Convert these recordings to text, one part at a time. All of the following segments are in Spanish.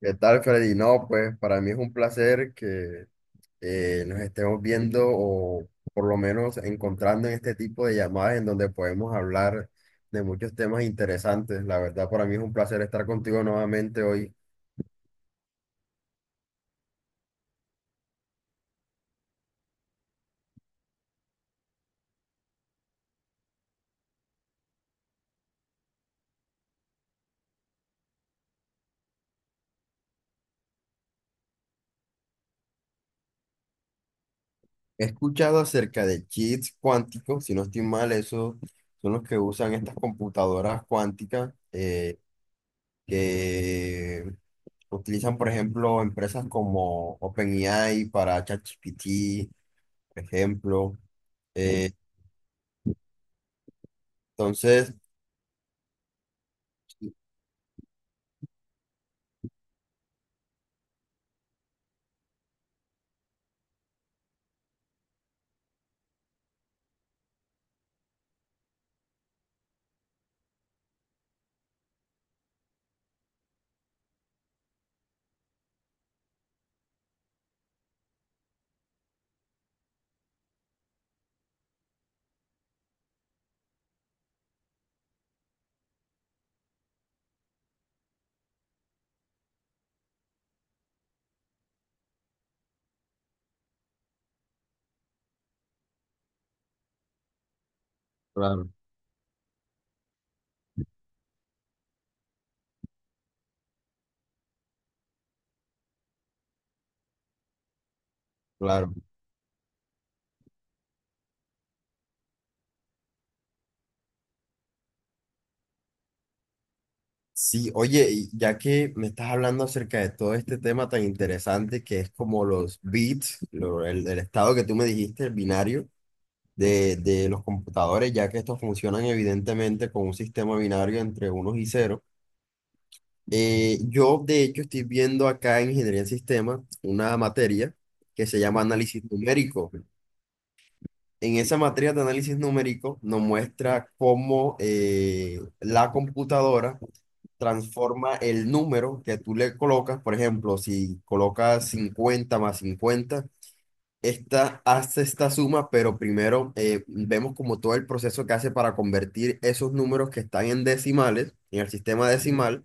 ¿Qué tal, Freddy? No, pues para mí es un placer que nos estemos viendo o por lo menos encontrando en este tipo de llamadas en donde podemos hablar de muchos temas interesantes. La verdad, para mí es un placer estar contigo nuevamente hoy. He escuchado acerca de chips cuánticos, si no estoy mal, esos son los que usan estas computadoras cuánticas que utilizan, por ejemplo, empresas como OpenAI para ChatGPT, por ejemplo. Eh, entonces, Claro, claro. Sí, oye, y ya que me estás hablando acerca de todo este tema tan interesante que es como los bits, el estado que tú me dijiste, el binario de los computadores, ya que estos funcionan evidentemente con un sistema binario entre unos y ceros. Yo, de hecho, estoy viendo acá en ingeniería en sistemas una materia que se llama análisis numérico. En esa materia de análisis numérico nos muestra cómo la computadora transforma el número que tú le colocas, por ejemplo, si colocas 50 más 50, esta hace esta suma, pero primero vemos como todo el proceso que hace para convertir esos números que están en decimales, en el sistema decimal,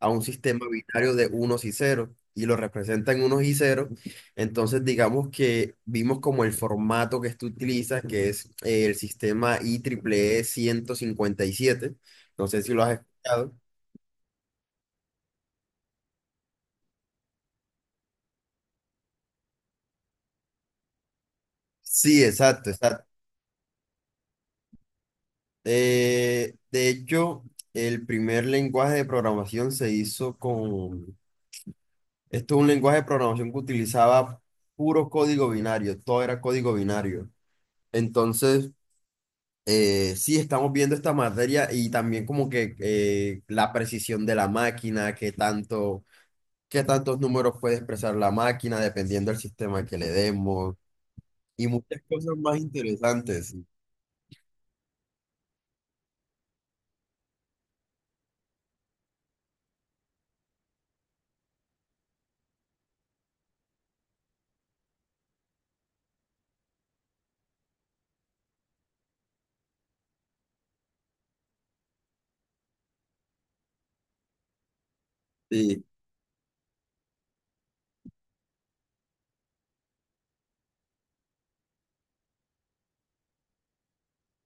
a un sistema binario de unos y ceros. Y lo representa en unos y ceros. Entonces, digamos que vimos como el formato que tú utilizas, que es el sistema IEEE 157. No sé si lo has escuchado. Sí, exacto, exacto. De hecho, el primer lenguaje de programación se hizo con... Esto es un lenguaje de programación que utilizaba puro código binario, todo era código binario. Entonces, sí, estamos viendo esta materia y también como que la precisión de la máquina, qué tanto, qué tantos números puede expresar la máquina dependiendo del sistema que le demos y muchas cosas más interesantes. Sí.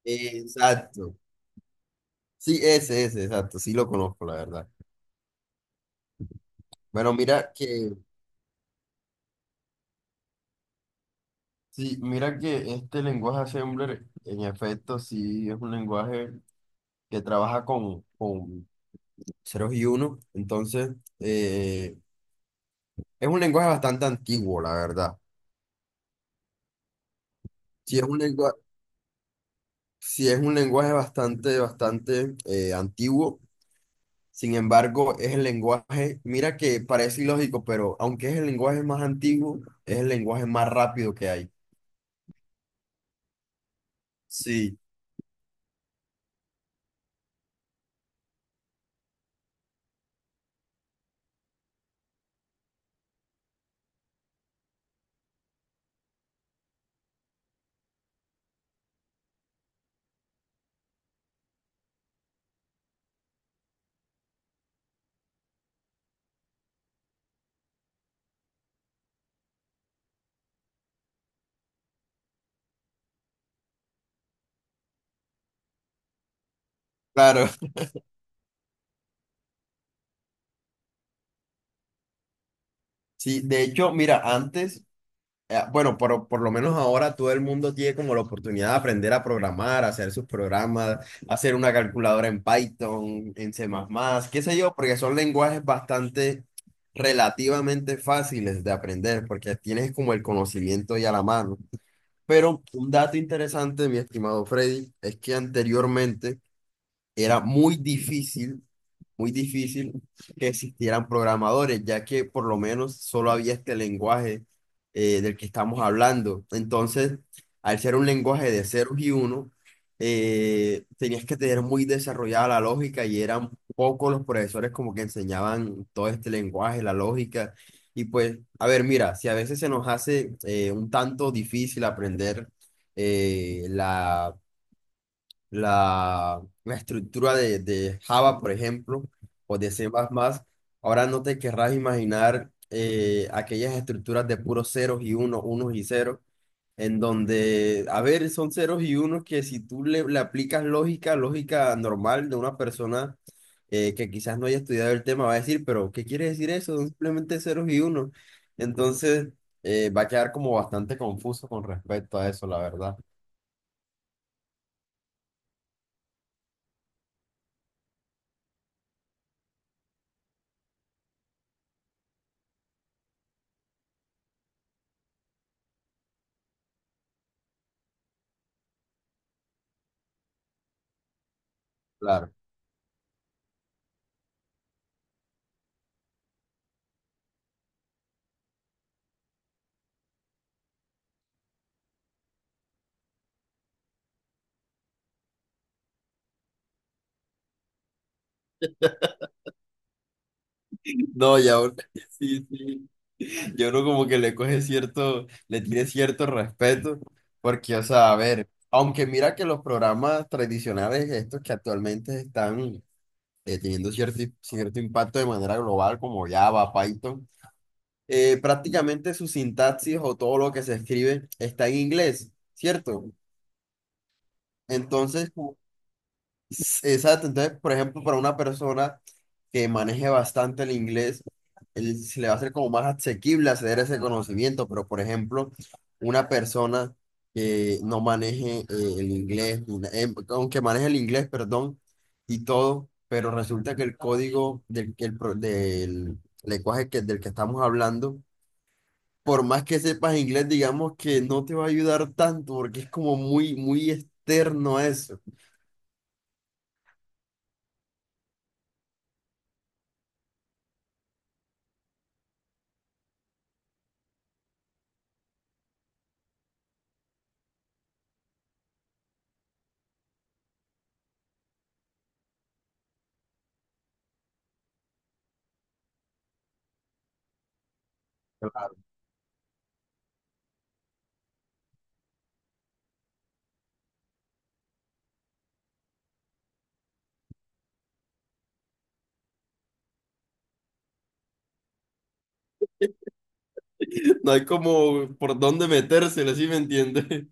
Sí, exacto. Sí, ese, exacto, sí lo conozco, la verdad. Bueno, mira que, sí, mira que este lenguaje Assembler, en efecto, sí es un lenguaje que trabaja con ceros y unos, entonces, eh, es un lenguaje bastante antiguo, la verdad. Sí es un lenguaje, sí es un lenguaje bastante, bastante antiguo, sin embargo, es el lenguaje, mira que parece ilógico, pero aunque es el lenguaje más antiguo, es el lenguaje más rápido que hay. Sí, claro. Sí, de hecho, mira, antes, bueno, por lo menos ahora todo el mundo tiene como la oportunidad de aprender a programar, a hacer sus programas, hacer una calculadora en Python, en C++, qué sé yo, porque son lenguajes bastante relativamente fáciles de aprender, porque tienes como el conocimiento ya a la mano. Pero un dato interesante, mi estimado Freddy, es que anteriormente era muy difícil que existieran programadores, ya que por lo menos solo había este lenguaje del que estamos hablando. Entonces, al ser un lenguaje de ceros y uno, tenías que tener muy desarrollada la lógica y eran pocos los profesores como que enseñaban todo este lenguaje, la lógica. Y pues, a ver, mira, si a veces se nos hace un tanto difícil aprender eh, la la, la estructura de Java, por ejemplo, o de C++, ahora no te querrás imaginar aquellas estructuras de puros ceros y unos, unos y ceros, en donde, a ver, son ceros y unos que si tú le aplicas lógica, lógica normal de una persona que quizás no haya estudiado el tema, va a decir, pero ¿qué quiere decir eso? Son simplemente ceros y unos. Entonces, va a quedar como bastante confuso con respecto a eso, la verdad. Claro. No, ya, uno sí, sí. Yo uno como que le coge cierto, le tiene cierto respeto, porque, o sea, a ver, aunque mira que los programas tradicionales, estos que actualmente están teniendo cierto, cierto impacto de manera global, como Java, Python, prácticamente su sintaxis o todo lo que se escribe está en inglés, ¿cierto? Entonces, exacto, entonces, por ejemplo, para una persona que maneje bastante el inglés, se le va a hacer como más asequible acceder a ese conocimiento, pero por ejemplo, una persona que no maneje el inglés, ni na- em, aunque maneje el inglés, perdón, y todo, pero resulta que el código del, del lenguaje que, del que estamos hablando, por más que sepas inglés, digamos que no te va a ayudar tanto, porque es como muy, muy externo a eso. No hay como por dónde metérsela, ¿sí me entiende?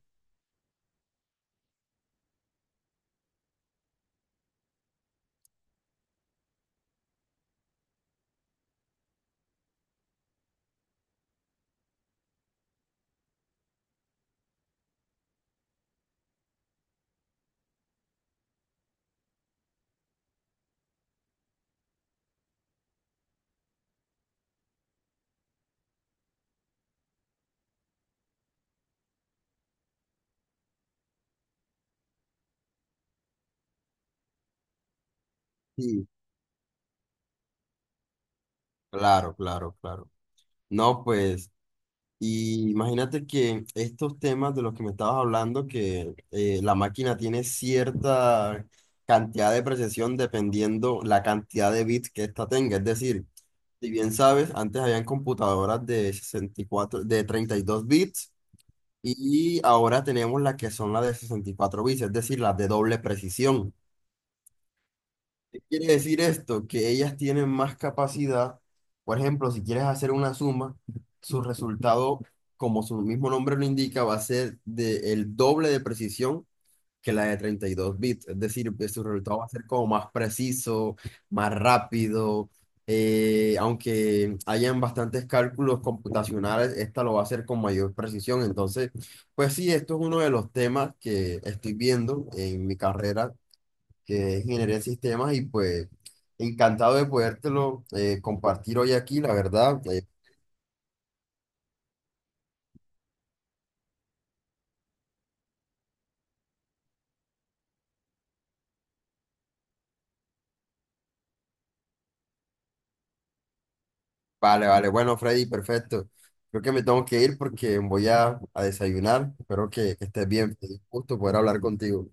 Sí, claro, claro, claro. No, pues, y imagínate que estos temas de los que me estabas hablando, que la máquina tiene cierta cantidad de precisión dependiendo la cantidad de bits que ésta tenga. Es decir, si bien sabes, antes habían computadoras de 64, de 32 bits y ahora tenemos las que son las de 64 bits, es decir, las de doble precisión. Quiere decir esto, que ellas tienen más capacidad. Por ejemplo, si quieres hacer una suma, su resultado, como su mismo nombre lo indica, va a ser de el doble de precisión que la de 32 bits. Es decir, pues, su resultado va a ser como más preciso, más rápido. Aunque hayan bastantes cálculos computacionales, esta lo va a hacer con mayor precisión. Entonces, pues sí, esto es uno de los temas que estoy viendo en mi carrera que es ingeniería en sistemas y pues encantado de podértelo compartir hoy aquí, la verdad. Vale, vale, bueno, Freddy, perfecto. Creo que me tengo que ir porque voy a desayunar. Espero que estés bien. Fue un gusto poder hablar contigo.